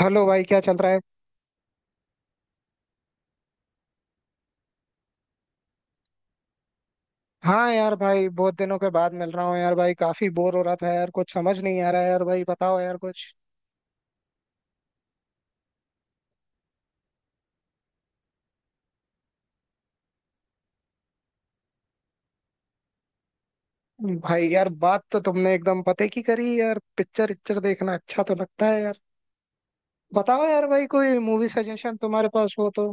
Hello भाई, क्या चल रहा है। हाँ यार भाई, बहुत दिनों के बाद मिल रहा हूँ यार भाई। काफी बोर हो रहा था यार, कुछ समझ नहीं आ रहा है यार भाई। बताओ यार कुछ। भाई यार बात तो तुमने एकदम पते की करी यार। पिक्चर इच्चर देखना अच्छा तो लगता है यार। बताओ यार भाई, कोई मूवी सजेशन तुम्हारे पास हो तो।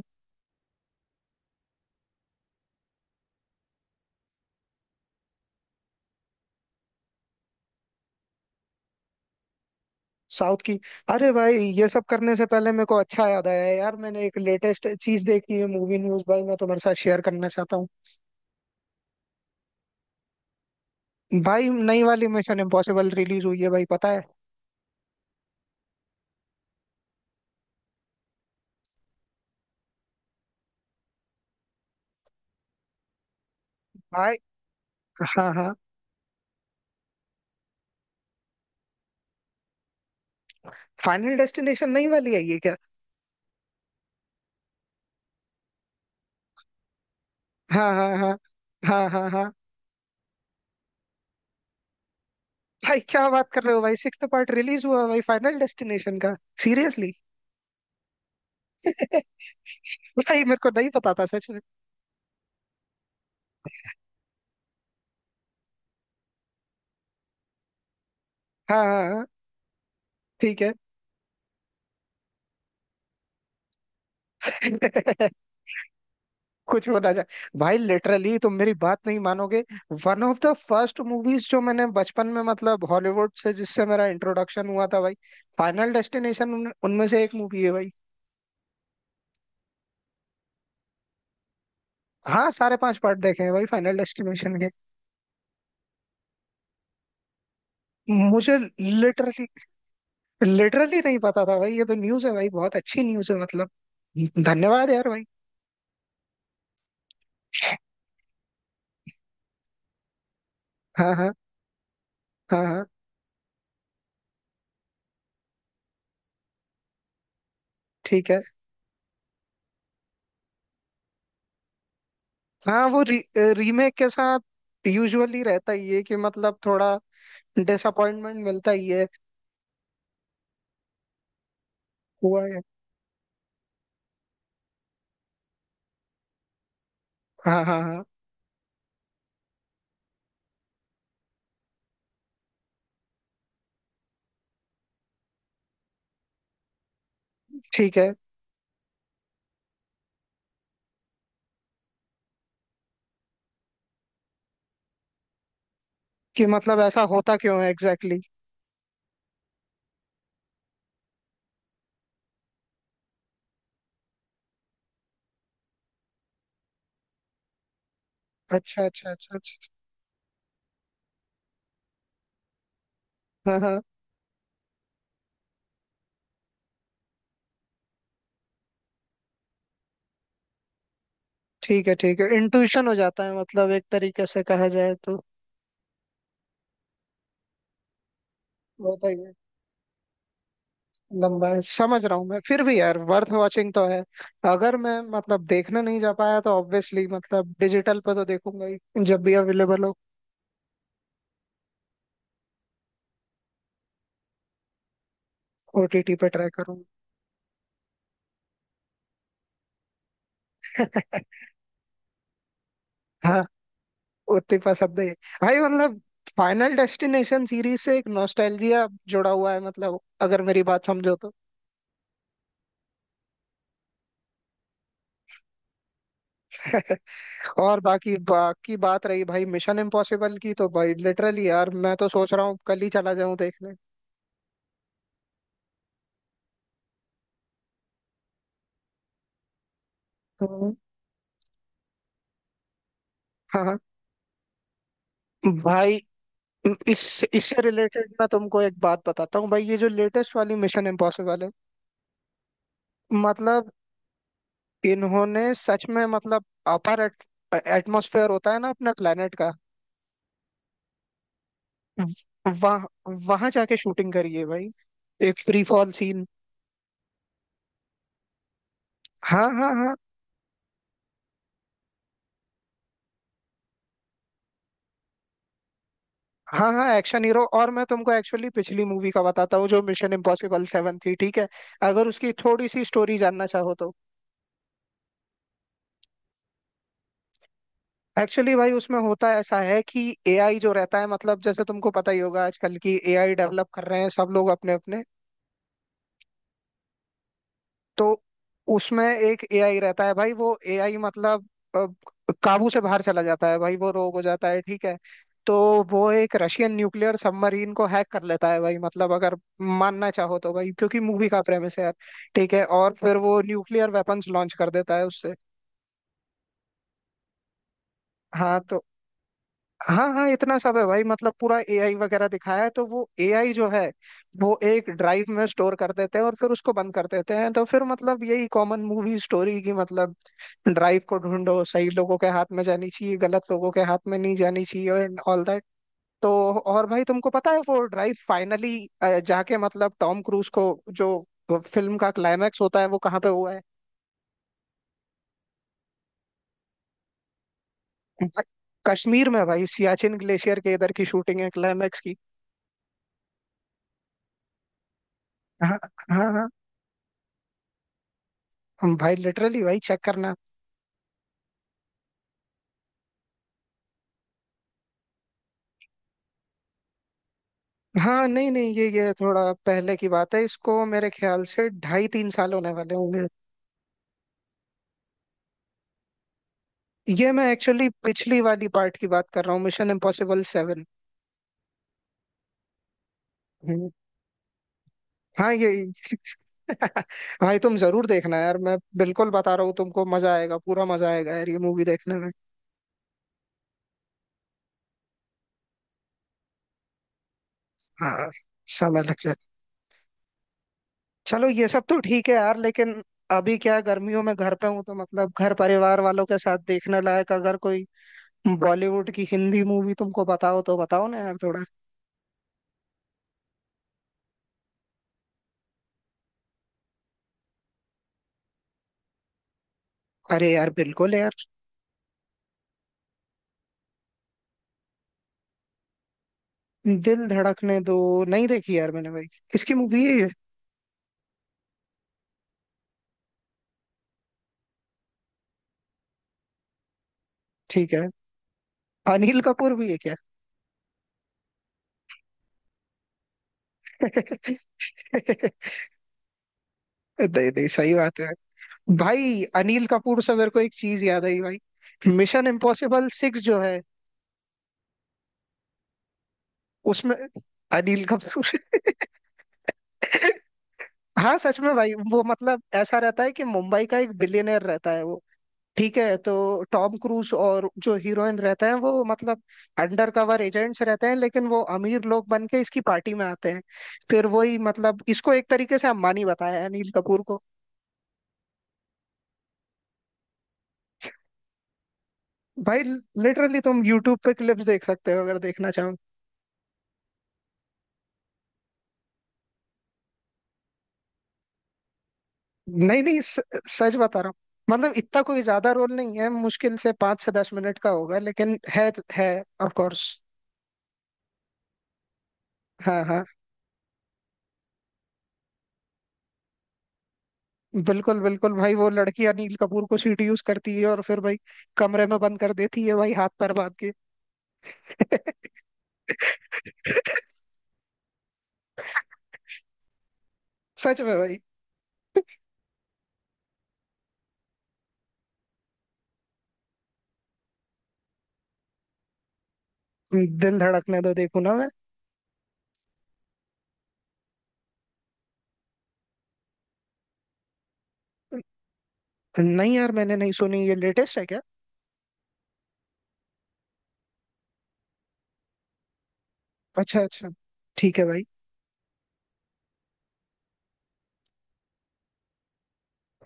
साउथ की। अरे भाई, ये सब करने से पहले मेरे को, अच्छा याद आया यार, मैंने एक लेटेस्ट चीज देखी है, मूवी न्यूज भाई, मैं तुम्हारे साथ शेयर करना चाहता हूँ। भाई नई वाली मिशन इम्पॉसिबल रिलीज हुई है भाई, पता है। भाई, हाँ हाँ। फाइनल डेस्टिनेशन नई वाली आई है क्या। हाँ हाँ हाँ। हाँ हाँ हाँ। भाई क्या बात कर रहे हो भाई, सिक्स्थ पार्ट रिलीज हुआ भाई, फाइनल डेस्टिनेशन का। सीरियसली। भाई मेरे को नहीं पता था सच में। हाँ हाँ हाँ। ठीक है। कुछ हो ना जाए। भाई लिटरली तुम मेरी बात नहीं मानोगे। One of the first movies जो मैंने बचपन में, मतलब हॉलीवुड से जिससे मेरा इंट्रोडक्शन हुआ था भाई, फाइनल डेस्टिनेशन उनमें से एक मूवी है भाई। हाँ, सारे पांच पार्ट देखे हैं भाई, फाइनल डेस्टिनेशन के। मुझे लिटरली, लिटरली नहीं पता था भाई। ये तो न्यूज़ है भाई, बहुत अच्छी न्यूज़ है मतलब। धन्यवाद यार भाई। हाँ हाँ। हाँ हाँ। ठीक है। हाँ, वो रीमेक के साथ यूजुअली रहता ही है कि मतलब थोड़ा डिसअपॉइंटमेंट मिलता ही है। हुआ है। हाँ हाँ हाँ। ठीक है कि। मतलब ऐसा होता क्यों है एग्जैक्टली exactly? अच्छा अच्छा अच्छा अच्छा। अच्छा। हाँ हाँ। ठीक है ठीक है। इंट्यूशन हो जाता है मतलब, एक तरीके से कहा जाए तो। होता ही है। लंबा है, समझ रहा हूँ मैं। फिर भी यार वर्थ वॉचिंग तो है। अगर मैं मतलब देखने नहीं जा पाया तो ऑब्वियसली मतलब डिजिटल पे तो देखूंगा ही, जब भी अवेलेबल हो। ओटीटी पे ट्राई करूंगा। हाँ। उतनी पसंद है। भाई मतलब, फाइनल डेस्टिनेशन सीरीज से एक नॉस्टैल्जिया जुड़ा हुआ है, मतलब अगर मेरी बात समझो तो। और बाकी बाकी बात रही भाई मिशन इम्पॉसिबल की, तो भाई लिटरली यार मैं तो सोच रहा हूँ कल ही चला जाऊं देखने। हम्म। हाँ हाँ। भाई इस, इससे रिलेटेड मैं तुमको एक बात बताता हूँ भाई, ये जो लेटेस्ट वाली मिशन इम्पॉसिबल है, मतलब इन्होंने सच में मतलब, अपर एटमॉस्फेयर होता है ना अपना प्लेनेट का, वहाँ, वहां जाके शूटिंग करी है भाई, एक फ्री फॉल सीन। हाँ हाँ हाँ। हाँ हाँ एक्शन हीरो। और मैं तुमको एक्चुअली पिछली मूवी का बताता हूँ, जो मिशन इम्पॉसिबल सेवन थी, ठीक है, अगर उसकी थोड़ी सी स्टोरी जानना चाहो तो। एक्चुअली भाई उसमें होता ऐसा है कि एआई जो रहता है, मतलब जैसे तुमको पता ही होगा आजकल की एआई डेवलप कर रहे हैं सब लोग अपने अपने। तो उसमें एक एआई रहता है भाई, वो एआई मतलब अ, काबू से बाहर चला जाता है भाई, वो रोग हो जाता है, ठीक है। तो वो एक रशियन न्यूक्लियर सबमरीन को हैक कर लेता है भाई, मतलब अगर मानना चाहो तो भाई, क्योंकि मूवी का प्रेमिस है यार, ठीक है। और फिर वो न्यूक्लियर वेपन्स लॉन्च कर देता है उससे। हाँ तो। हाँ हाँ, इतना सब है भाई, मतलब पूरा एआई वगैरह दिखाया है। तो वो एआई जो है, वो एक ड्राइव में स्टोर कर देते हैं और फिर उसको बंद कर देते हैं। तो फिर मतलब यही कॉमन मूवी स्टोरी की मतलब, ड्राइव को ढूंढो, सही लोगों के हाथ में जानी चाहिए, गलत लोगों के हाथ में नहीं जानी चाहिए, एंड ऑल दैट। तो और भाई, तुमको पता है वो ड्राइव फाइनली जाके मतलब टॉम क्रूज को, जो फिल्म का क्लाइमैक्स होता है, वो कहाँ पे हुआ है। कश्मीर में भाई, सियाचिन ग्लेशियर के इधर की शूटिंग है क्लाइमैक्स की। हाँ हाँ हाँ। हम भाई, लिटरली भाई चेक करना। हाँ नहीं नहीं, ये ये थोड़ा पहले की बात है, इसको मेरे ख्याल से ढाई तीन साल होने वाले होंगे। ये मैं एक्चुअली पिछली वाली पार्ट की बात कर रहा हूँ, मिशन इम्पॉसिबल सेवन। हम्म। हाँ ये। भाई तुम जरूर देखना यार, मैं बिल्कुल बता रहा हूँ तुमको, मजा आएगा, पूरा मजा आएगा यार ये मूवी देखने में। हाँ समय लग जाए। चलो ये सब तो ठीक है यार, लेकिन अभी क्या है, गर्मियों में घर पे हूँ तो मतलब घर परिवार वालों के साथ देखने लायक अगर कोई बॉलीवुड की हिंदी मूवी तुमको, बताओ तो बताओ ना यार थोड़ा। अरे यार बिल्कुल यार। दिल धड़कने दो नहीं देखी यार मैंने भाई। किसकी मूवी है ये। ठीक है। अनिल कपूर भी है क्या। नहीं नहीं, सही बात है। भाई अनिल कपूर से मेरे को एक चीज याद आई भाई, मिशन इम्पॉसिबल सिक्स जो है, उसमें अनिल कपूर। हाँ सच में भाई, वो मतलब ऐसा रहता है कि मुंबई का एक बिलियनर रहता है वो, ठीक है। तो टॉम क्रूज और जो हीरोइन रहते हैं वो मतलब अंडर कवर एजेंट्स रहते हैं, लेकिन वो अमीर लोग बन के इसकी पार्टी में आते हैं। फिर वही मतलब, इसको एक तरीके से अंबानी बताया है अनिल कपूर को। भाई लिटरली तुम यूट्यूब पे क्लिप्स देख सकते हो, अगर देखना चाहो। नहीं नहीं, सच बता रहा हूँ, मतलब इतना कोई ज्यादा रोल नहीं है, मुश्किल से पाँच से दस मिनट का होगा, लेकिन है, ऑफ कोर्स। हाँ हाँ बिल्कुल बिल्कुल। भाई वो लड़की अनिल कपूर को सीट यूज करती है और फिर भाई कमरे में बंद कर देती है भाई, हाथ पैर बांध के। सच में भाई। दिल धड़कने दो देखू ना मैं। नहीं यार मैंने नहीं सुनी, ये लेटेस्ट है क्या। अच्छा अच्छा। ठीक है भाई।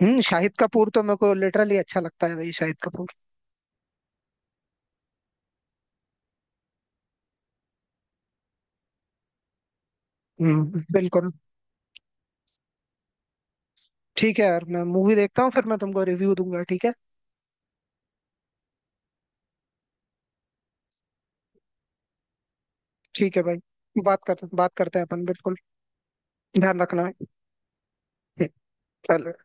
हम्म, शाहिद कपूर तो मेरे को लिटरली अच्छा लगता है भाई, शाहिद कपूर। बिल्कुल। ठीक है यार, मैं मूवी देखता हूँ फिर मैं तुमको रिव्यू दूंगा, ठीक है। ठीक है भाई। बात करते, बात करते हैं अपन बिल्कुल। ध्यान रखना है। हम्म। चलो।